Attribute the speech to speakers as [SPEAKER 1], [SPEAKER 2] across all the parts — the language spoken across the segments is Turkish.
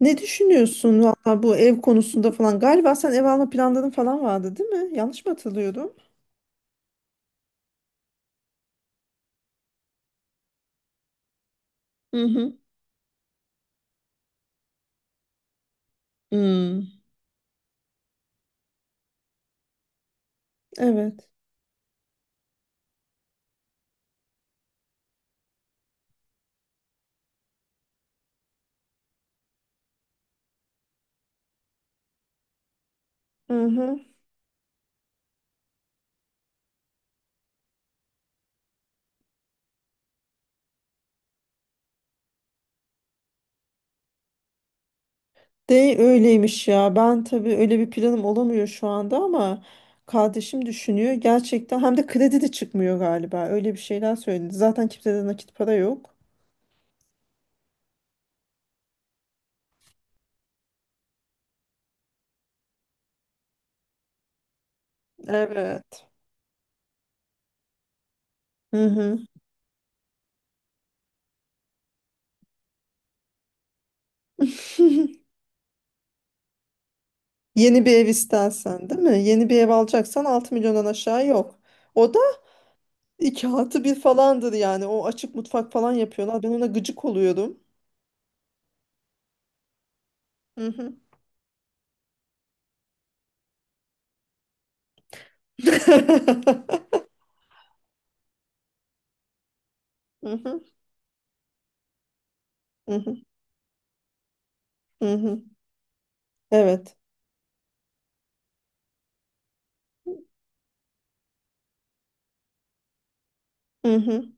[SPEAKER 1] Ne düşünüyorsun valla bu ev konusunda falan? Galiba sen ev alma planların falan vardı, değil mi? Yanlış mı hatırlıyorum? Hı hı. Hmm, evet. Hı hı. De öyleymiş ya. Ben tabii öyle bir planım olamıyor şu anda ama kardeşim düşünüyor. Gerçekten hem de kredi de çıkmıyor galiba. Öyle bir şeyler söyledi. Zaten kimsede nakit para yok. Evet. Hı hı. Yeni bir ev istersen, değil mi? Yeni bir ev alacaksan 6 milyondan aşağı yok. O da 2+1 falandır yani. O açık mutfak falan yapıyorlar. Ben ona gıcık oluyorum. Hı hı. Hı hı, hı hı, hı hı. Evet. Hı hı.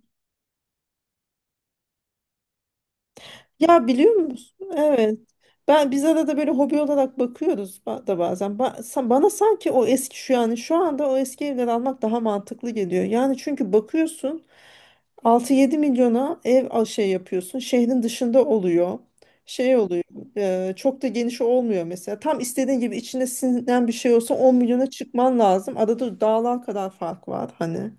[SPEAKER 1] Ya biliyor musun? Evet. Biz arada böyle hobi olarak bakıyoruz da bazen. Bana sanki o eski şu yani şu anda o eski evleri almak daha mantıklı geliyor. Yani çünkü bakıyorsun 6-7 milyona ev şey yapıyorsun. Şehrin dışında oluyor. Şey oluyor. Çok da geniş olmuyor mesela. Tam istediğin gibi içine sinen bir şey olsa 10 milyona çıkman lazım. Arada dağlar kadar fark var hani.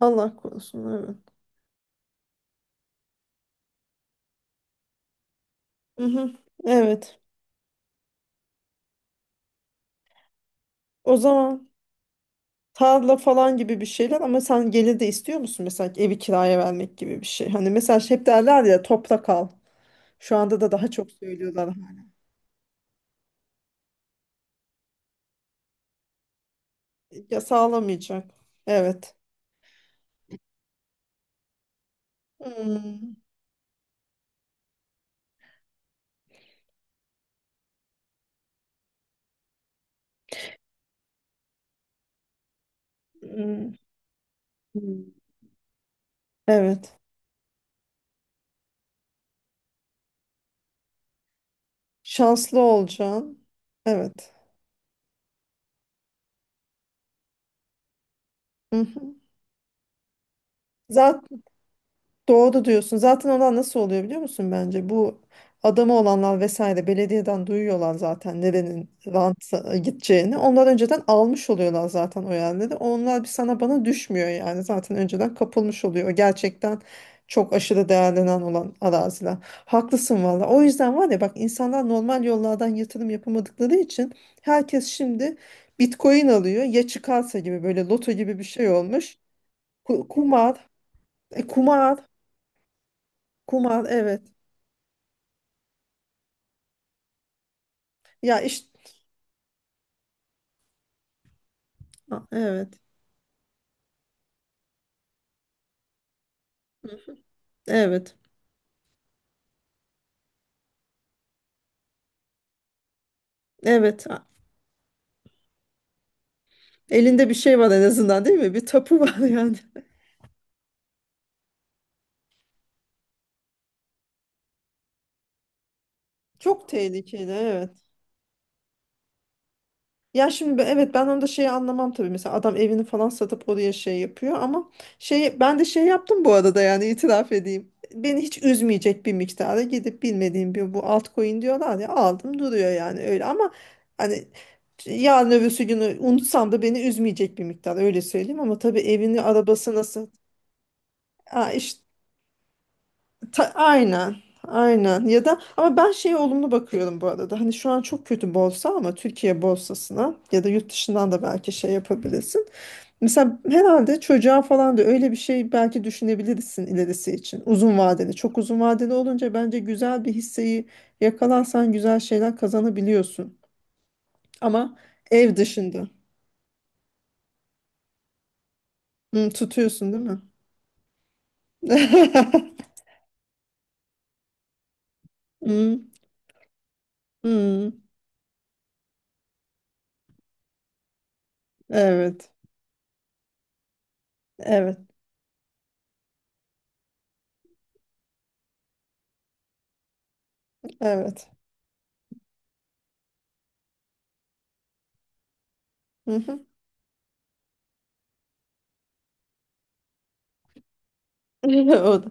[SPEAKER 1] Allah korusun evet. Mhm, evet. O zaman tarla falan gibi bir şeyler ama sen gelir de istiyor musun mesela evi kiraya vermek gibi bir şey. Hani mesela hep derler ya toprak al. Şu anda da daha çok söylüyorlar. Ya sağlamayacak. Evet. Hmm. Hmm. Hmm. Evet. Şanslı olacaksın. Evet. Hı. Zaten doğru diyorsun. Zaten olan nasıl oluyor biliyor musun bence? Bu adamı olanlar vesaire belediyeden duyuyorlar zaten nerenin rant gideceğini. Onlar önceden almış oluyorlar zaten o yerleri. Onlar bir sana bana düşmüyor yani. Zaten önceden kapılmış oluyor. O gerçekten çok aşırı değerlenen olan araziler. Haklısın valla. O yüzden var ya bak insanlar normal yollardan yatırım yapamadıkları için herkes şimdi Bitcoin alıyor. Ya çıkarsa gibi böyle loto gibi bir şey olmuş. Kumar, kumar. Kumar evet. Ya işte evet. Evet. Evet. Elinde bir şey var en azından değil mi? Bir tapu var yani. Çok tehlikeli evet. Ya şimdi evet ben onu da şeyi anlamam tabii. Mesela adam evini falan satıp oraya şey yapıyor ama şey ben de şey yaptım bu arada yani itiraf edeyim. Beni hiç üzmeyecek bir miktara gidip bilmediğim bir bu altcoin diyorlar ya aldım duruyor yani öyle ama hani yarın öbürsü günü unutsam da beni üzmeyecek bir miktar öyle söyleyeyim ama tabii evini arabası nasıl. Aa, işte, aynen. Aynen. Ya da ama ben şeye olumlu bakıyorum bu arada. Hani şu an çok kötü borsa ama Türkiye borsasına ya da yurt dışından da belki şey yapabilirsin. Mesela herhalde çocuğa falan da öyle bir şey belki düşünebilirsin ilerisi için. Uzun vadeli. Çok uzun vadeli olunca bence güzel bir hisseyi yakalarsan güzel şeyler kazanabiliyorsun. Ama ev dışında. Hı, tutuyorsun değil mi? Hı, hı. Evet. Evet. Evet. Hı hı. O da.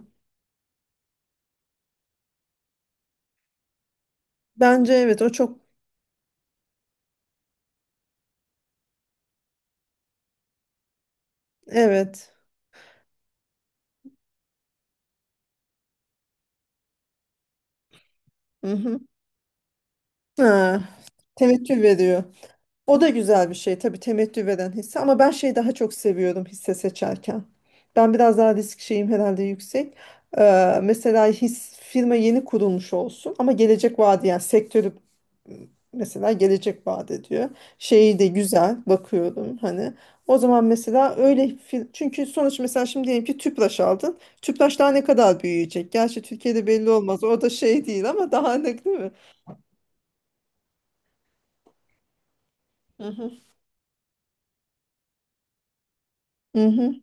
[SPEAKER 1] Bence evet o çok evet. Hı hı. Ha, teveccüh veriyor. O da güzel bir şey tabii temettü veren hisse ama ben şeyi daha çok seviyorum hisse seçerken. Ben biraz daha risk şeyim herhalde yüksek. Mesela firma yeni kurulmuş olsun ama gelecek vaadi yani sektörü m, mesela gelecek vaat ediyor. Şeyi de güzel bakıyorum hani. O zaman mesela öyle çünkü sonuç mesela şimdi diyelim ki Tüpraş aldın. Tüpraş daha ne kadar büyüyecek? Gerçi Türkiye'de belli olmaz. O da şey değil ama daha ne değil mi? Hı hı. Hı hı.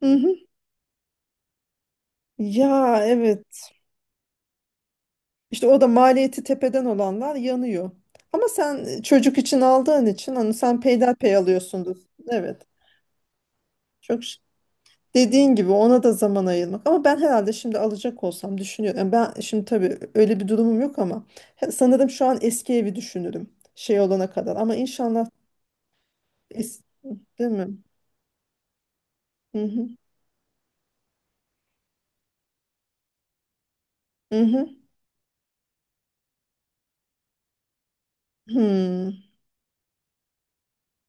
[SPEAKER 1] Ya evet. İşte o da maliyeti tepeden olanlar yanıyor. Ama sen çocuk için aldığın için onu sen peyderpey alıyorsundur. Evet. Çok ş- dediğin gibi ona da zaman ayırmak. Ama ben herhalde şimdi alacak olsam düşünüyorum. Yani ben şimdi tabii öyle bir durumum yok ama sanırım şu an eski evi düşünürüm şey olana kadar. Ama inşallah es- değil mi? Hı hı. Hı hı. Hmm.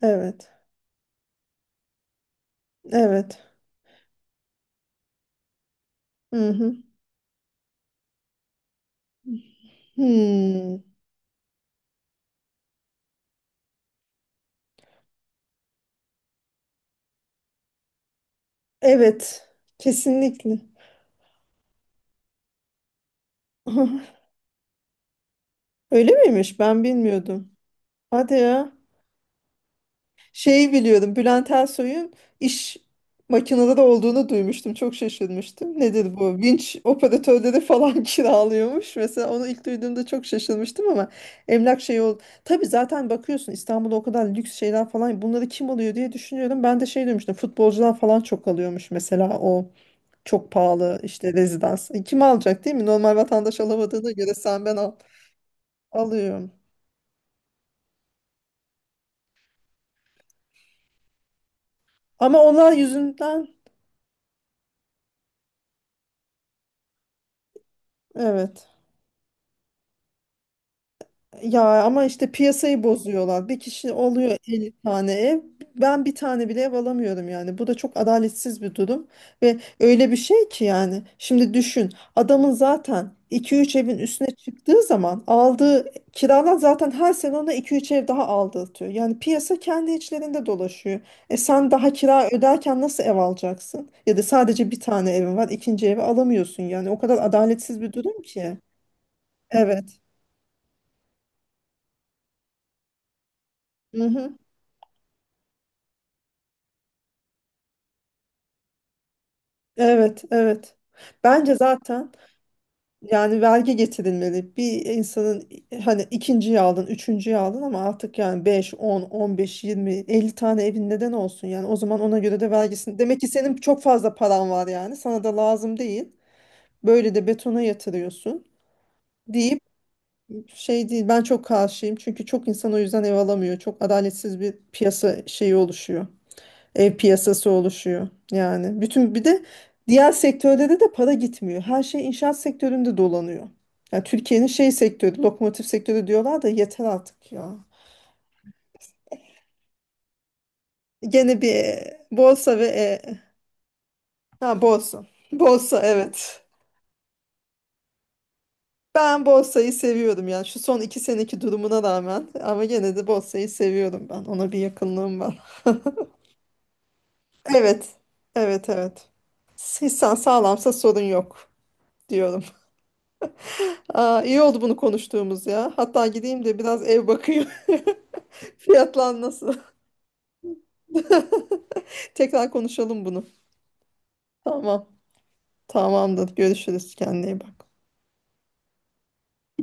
[SPEAKER 1] Evet. Evet. Hı hı. Hmm. Evet. Kesinlikle. Öyle miymiş? Ben bilmiyordum. Hadi ya. Şeyi biliyordum. Bülent Ersoy'un iş makineleri olduğunu duymuştum. Çok şaşırmıştım. Nedir bu? Vinç operatörleri falan kiralıyormuş. Mesela onu ilk duyduğumda çok şaşırmıştım ama emlak şeyi oldu. Tabii zaten bakıyorsun İstanbul'da o kadar lüks şeyler falan bunları kim alıyor diye düşünüyorum. Ben de şey duymuştum. Futbolcular falan çok alıyormuş mesela o çok pahalı işte rezidans. E, kim alacak değil mi? Normal vatandaş alamadığına göre sen ben al. Alıyorum. Ama onlar yüzünden evet. Ya ama işte piyasayı bozuyorlar. Bir kişi oluyor 50 tane ev. Ben bir tane bile ev alamıyorum yani. Bu da çok adaletsiz bir durum. Ve öyle bir şey ki yani. Şimdi düşün. Adamın zaten 2-3 evin üstüne çıktığı zaman aldığı kiralar zaten her sene ona 2-3 ev daha aldırtıyor. Yani piyasa kendi içlerinde dolaşıyor. E sen daha kira öderken nasıl ev alacaksın? Ya da sadece bir tane evin var, ikinci evi alamıyorsun yani. O kadar adaletsiz bir durum ki. Evet. Mhm. Evet, evet. Bence zaten yani vergi getirilmeli. Bir insanın hani ikinciyi aldın, üçüncüyü aldın ama artık yani beş, 10, 15, 20, 50 tane evin neden olsun yani. O zaman ona göre de vergisini. Demek ki senin çok fazla paran var yani. Sana da lazım değil. Böyle de betona yatırıyorsun deyip şey değil. Ben çok karşıyım. Çünkü çok insan o yüzden ev alamıyor. Çok adaletsiz bir piyasa şeyi oluşuyor, ev piyasası oluşuyor yani. Bütün bir de diğer sektörde de para gitmiyor. Her şey inşaat sektöründe dolanıyor. Yani Türkiye'nin şey sektörü, lokomotif sektörü diyorlar da yeter artık ya. Gene bir borsa ve ha borsa. Borsa evet. Ben borsayı seviyorum yani şu son 2 seneki durumuna rağmen ama gene de borsayı seviyorum ben. Ona bir yakınlığım var. Evet. Evet evet. Hissan sağlamsa sorun yok diyorum. Aa, iyi oldu bunu konuştuğumuz ya. Hatta gideyim de biraz ev bakayım. Fiyatlar nasıl? Tekrar konuşalım bunu. Tamam. Tamamdır. Görüşürüz. Kendine iyi bak.